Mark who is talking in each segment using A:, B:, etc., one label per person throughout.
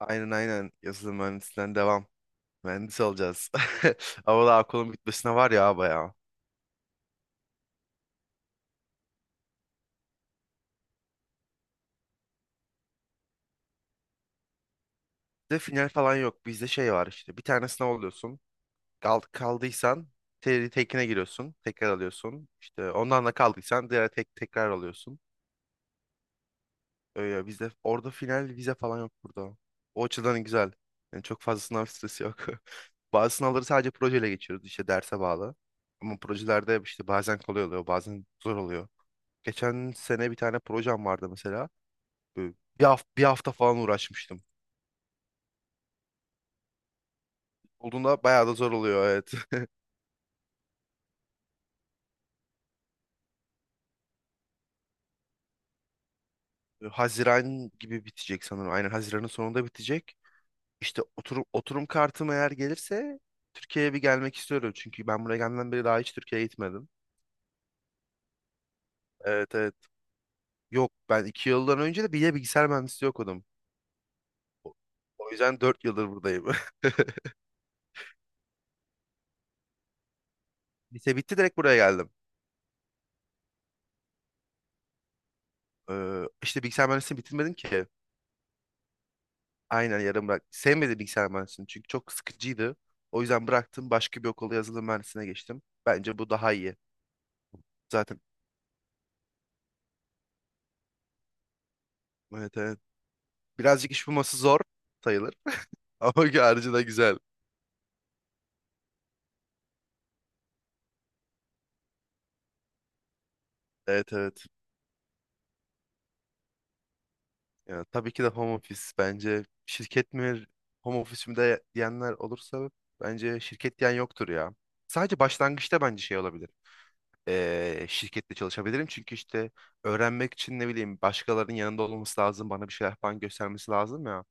A: Aynen aynen yazılım mühendisliğinden devam. Mühendis olacağız. Ama daha okulun bitmesine var ya bayağı. Bizde final falan yok. Bizde şey var işte. Bir tane sınav alıyorsun. Kaldıysan tekine giriyorsun. Tekrar alıyorsun. İşte ondan da kaldıysan diğer tek tekrar alıyorsun. Öyle bizde orada final vize falan yok burada. O açıdan güzel. Yani çok fazla sınav stresi yok. Bazı sınavları sadece projeyle geçiyoruz. İşte derse bağlı. Ama projelerde işte bazen kolay oluyor, bazen zor oluyor. Geçen sene bir tane projem vardı mesela. Böyle bir hafta, bir hafta falan uğraşmıştım. Olduğunda bayağı da zor oluyor, evet. Haziran gibi bitecek sanırım. Aynen Haziran'ın sonunda bitecek. İşte oturum kartım eğer gelirse Türkiye'ye bir gelmek istiyorum. Çünkü ben buraya gelmeden beri daha hiç Türkiye'ye gitmedim. Evet evet. Yok, ben 2 yıldan önce de bir de bilgisayar mühendisliği okudum. O o yüzden 4 yıldır buradayım. Lise bitti, direkt buraya geldim. İşte bilgisayar mühendisliğini bitirmedim ki. Aynen yarım bırak. Sevmedim bilgisayar mühendisliğini çünkü çok sıkıcıydı. O yüzden bıraktım. Başka bir okula, yazılım mühendisliğine geçtim. Bence bu daha iyi. Zaten evet evet. Birazcık iş bulması zor sayılır. Ama harcı da güzel. Evet evet. Ya, tabii ki de home office. Bence şirket mi home office mi de diyenler olursa bence şirket diyen yoktur ya. Sadece başlangıçta bence şey olabilir. Şirkette çalışabilirim çünkü işte öğrenmek için, ne bileyim, başkalarının yanında olması lazım. Bana bir şeyler falan göstermesi lazım ya.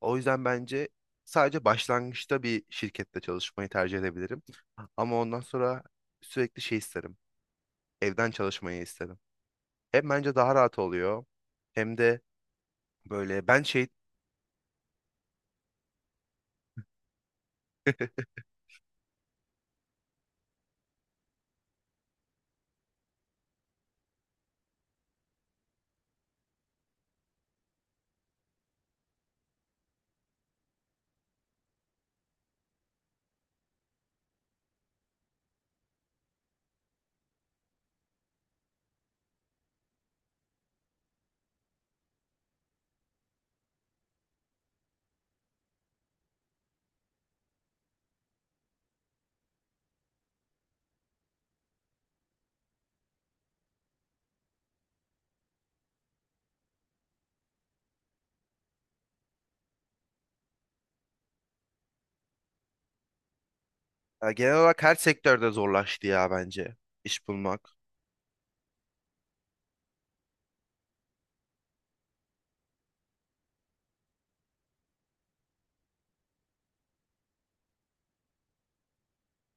A: O yüzden bence sadece başlangıçta bir şirkette çalışmayı tercih edebilirim. Ama ondan sonra sürekli şey isterim. Evden çalışmayı isterim. Hem bence daha rahat oluyor hem de böyle ben şey. Ya, genel olarak her sektörde zorlaştı ya bence iş bulmak.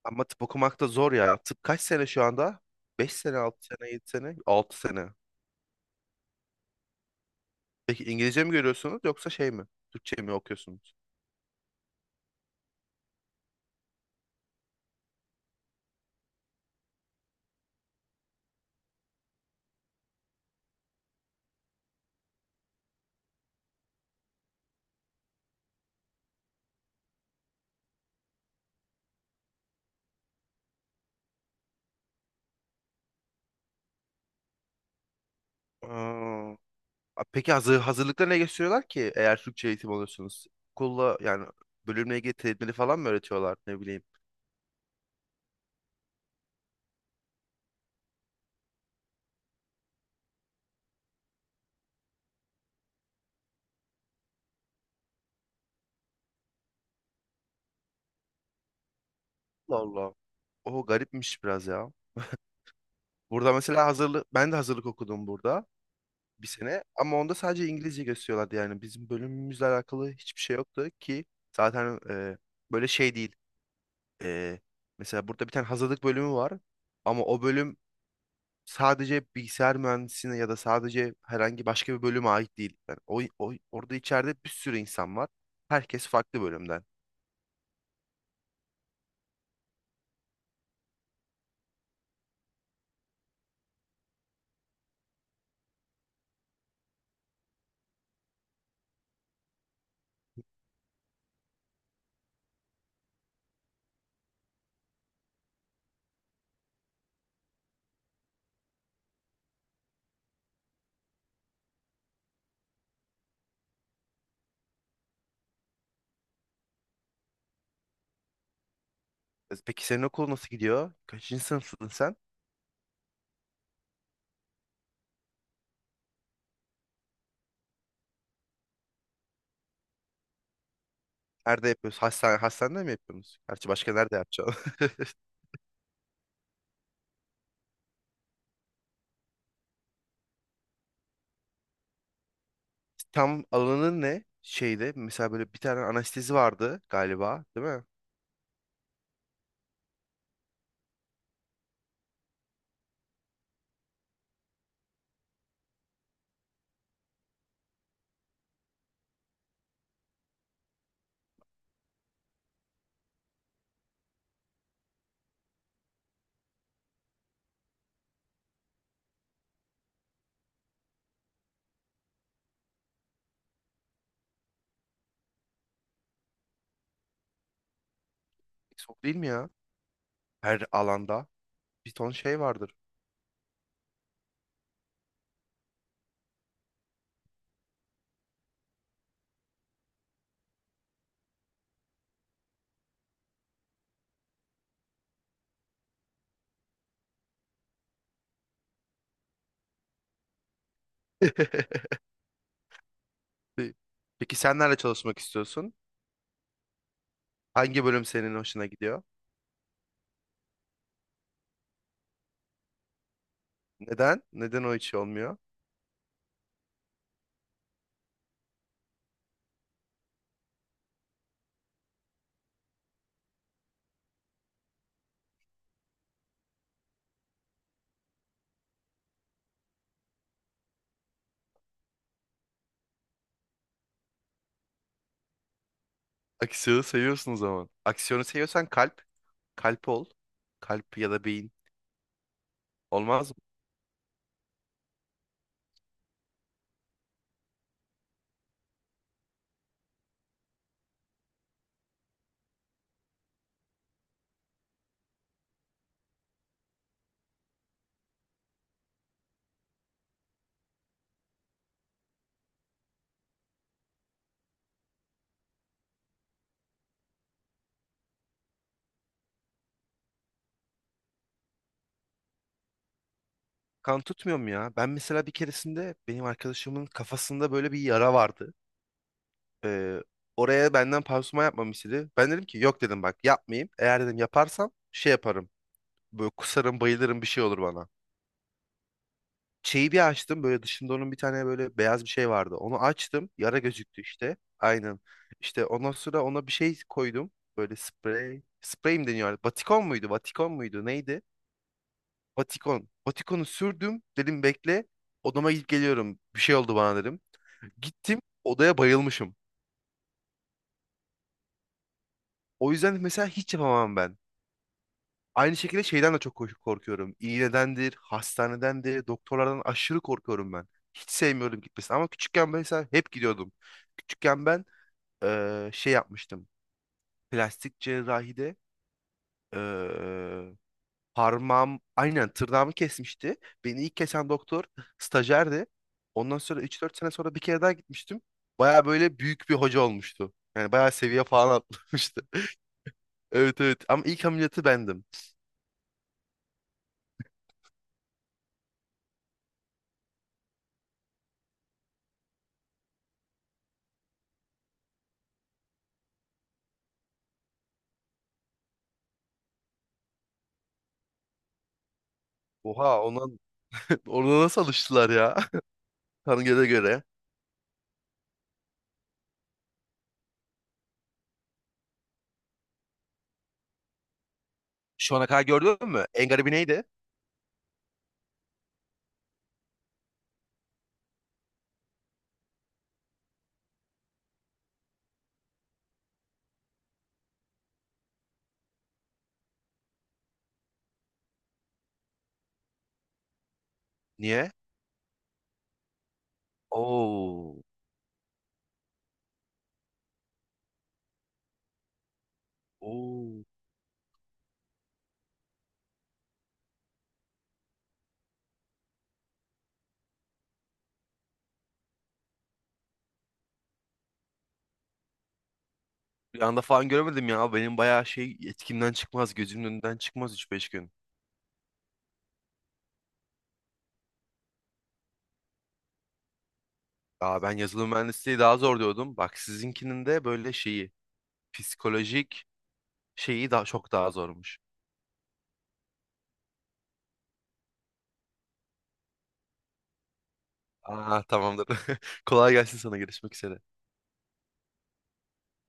A: Ama tıp okumak da zor ya. Tıp kaç sene şu anda? 5 sene, 6 sene, 7 sene, 6 sene. Peki İngilizce mi görüyorsunuz yoksa şey mi? Türkçe mi okuyorsunuz? Aa, peki hazırlıkta ne gösteriyorlar ki eğer Türkçe eğitim alıyorsunuz? Okulla, yani bölümle ilgili terimleri falan mı öğretiyorlar, ne bileyim. Allah Allah. O garipmiş biraz ya. Burada mesela hazırlık, ben de hazırlık okudum burada bir sene, ama onda sadece İngilizce gösteriyorlardı. Yani bizim bölümümüzle alakalı hiçbir şey yoktu ki zaten böyle şey değil. E, Mesela burada bir tane hazırlık bölümü var ama o bölüm sadece bilgisayar mühendisliğine ya da sadece herhangi başka bir bölüme ait değil. Yani orada içeride bir sürü insan var. Herkes farklı bölümden. Peki senin okul nasıl gidiyor? Kaçıncı sınıfsın sen? Nerede yapıyorsun? Hastanede mi yapıyorsunuz? Gerçi başka nerede yapacağım? Tam alanın ne? Şeyde mesela böyle bir tane anestezi vardı galiba, değil mi? Çok değil mi ya? Her alanda bir ton şey vardır. Peki sen nerede çalışmak istiyorsun? Hangi bölüm senin hoşuna gidiyor? Neden? Neden o hiç olmuyor? Aksiyonu seviyorsun o zaman. Aksiyonu seviyorsan kalp. Kalp ol. Kalp ya da beyin. Olmaz mı? Kan tutmuyor mu ya? Ben mesela bir keresinde benim arkadaşımın kafasında böyle bir yara vardı. Ee, Oraya benden pansuman yapmamı istedi. Ben dedim ki yok, dedim, bak yapmayayım. Eğer, dedim, yaparsam şey yaparım. Böyle kusarım, bayılırım, bir şey olur bana. Şeyi bir açtım, böyle dışında onun bir tane böyle beyaz bir şey vardı. Onu açtım. Yara gözüktü işte. Aynen. İşte ondan sonra ona bir şey koydum. Böyle sprey. Sprey mi deniyor artık? Batikon muydu? Batikon muydu? Neydi? Batikon. Batikonu sürdüm. Dedim bekle. Odama gidip geliyorum. Bir şey oldu bana, dedim. Gittim. Odaya bayılmışım. O yüzden mesela hiç yapamam ben. Aynı şekilde şeyden de çok korkuyorum. İğnedendir, hastanedendir, doktorlardan aşırı korkuyorum ben. Hiç sevmiyorum gitmesini ama küçükken mesela hep gidiyordum. Küçükken ben şey yapmıştım. Plastik cerrahide eee parmağım, aynen tırnağımı kesmişti. Beni ilk kesen doktor stajyerdi. Ondan sonra 3-4 sene sonra bir kere daha gitmiştim. Baya böyle büyük bir hoca olmuştu. Yani bayağı seviye falan atlamıştı. Evet evet, ama ilk ameliyatı bendim. Oha, ondan. Ona nasıl alıştılar ya? Tanrı, göre göre. Şu ana kadar gördün mü? En garibi neydi? Niye? Oo. Oo. Bir anda falan göremedim ya. Benim bayağı şey, etkimden çıkmaz. Gözümün önünden çıkmaz üç beş gün. Aa, ben yazılım mühendisliği daha zor diyordum. Bak, sizinkinin de böyle şeyi. Psikolojik şeyi daha çok daha zormuş. Aa, tamamdır. Kolay gelsin sana. Görüşmek üzere.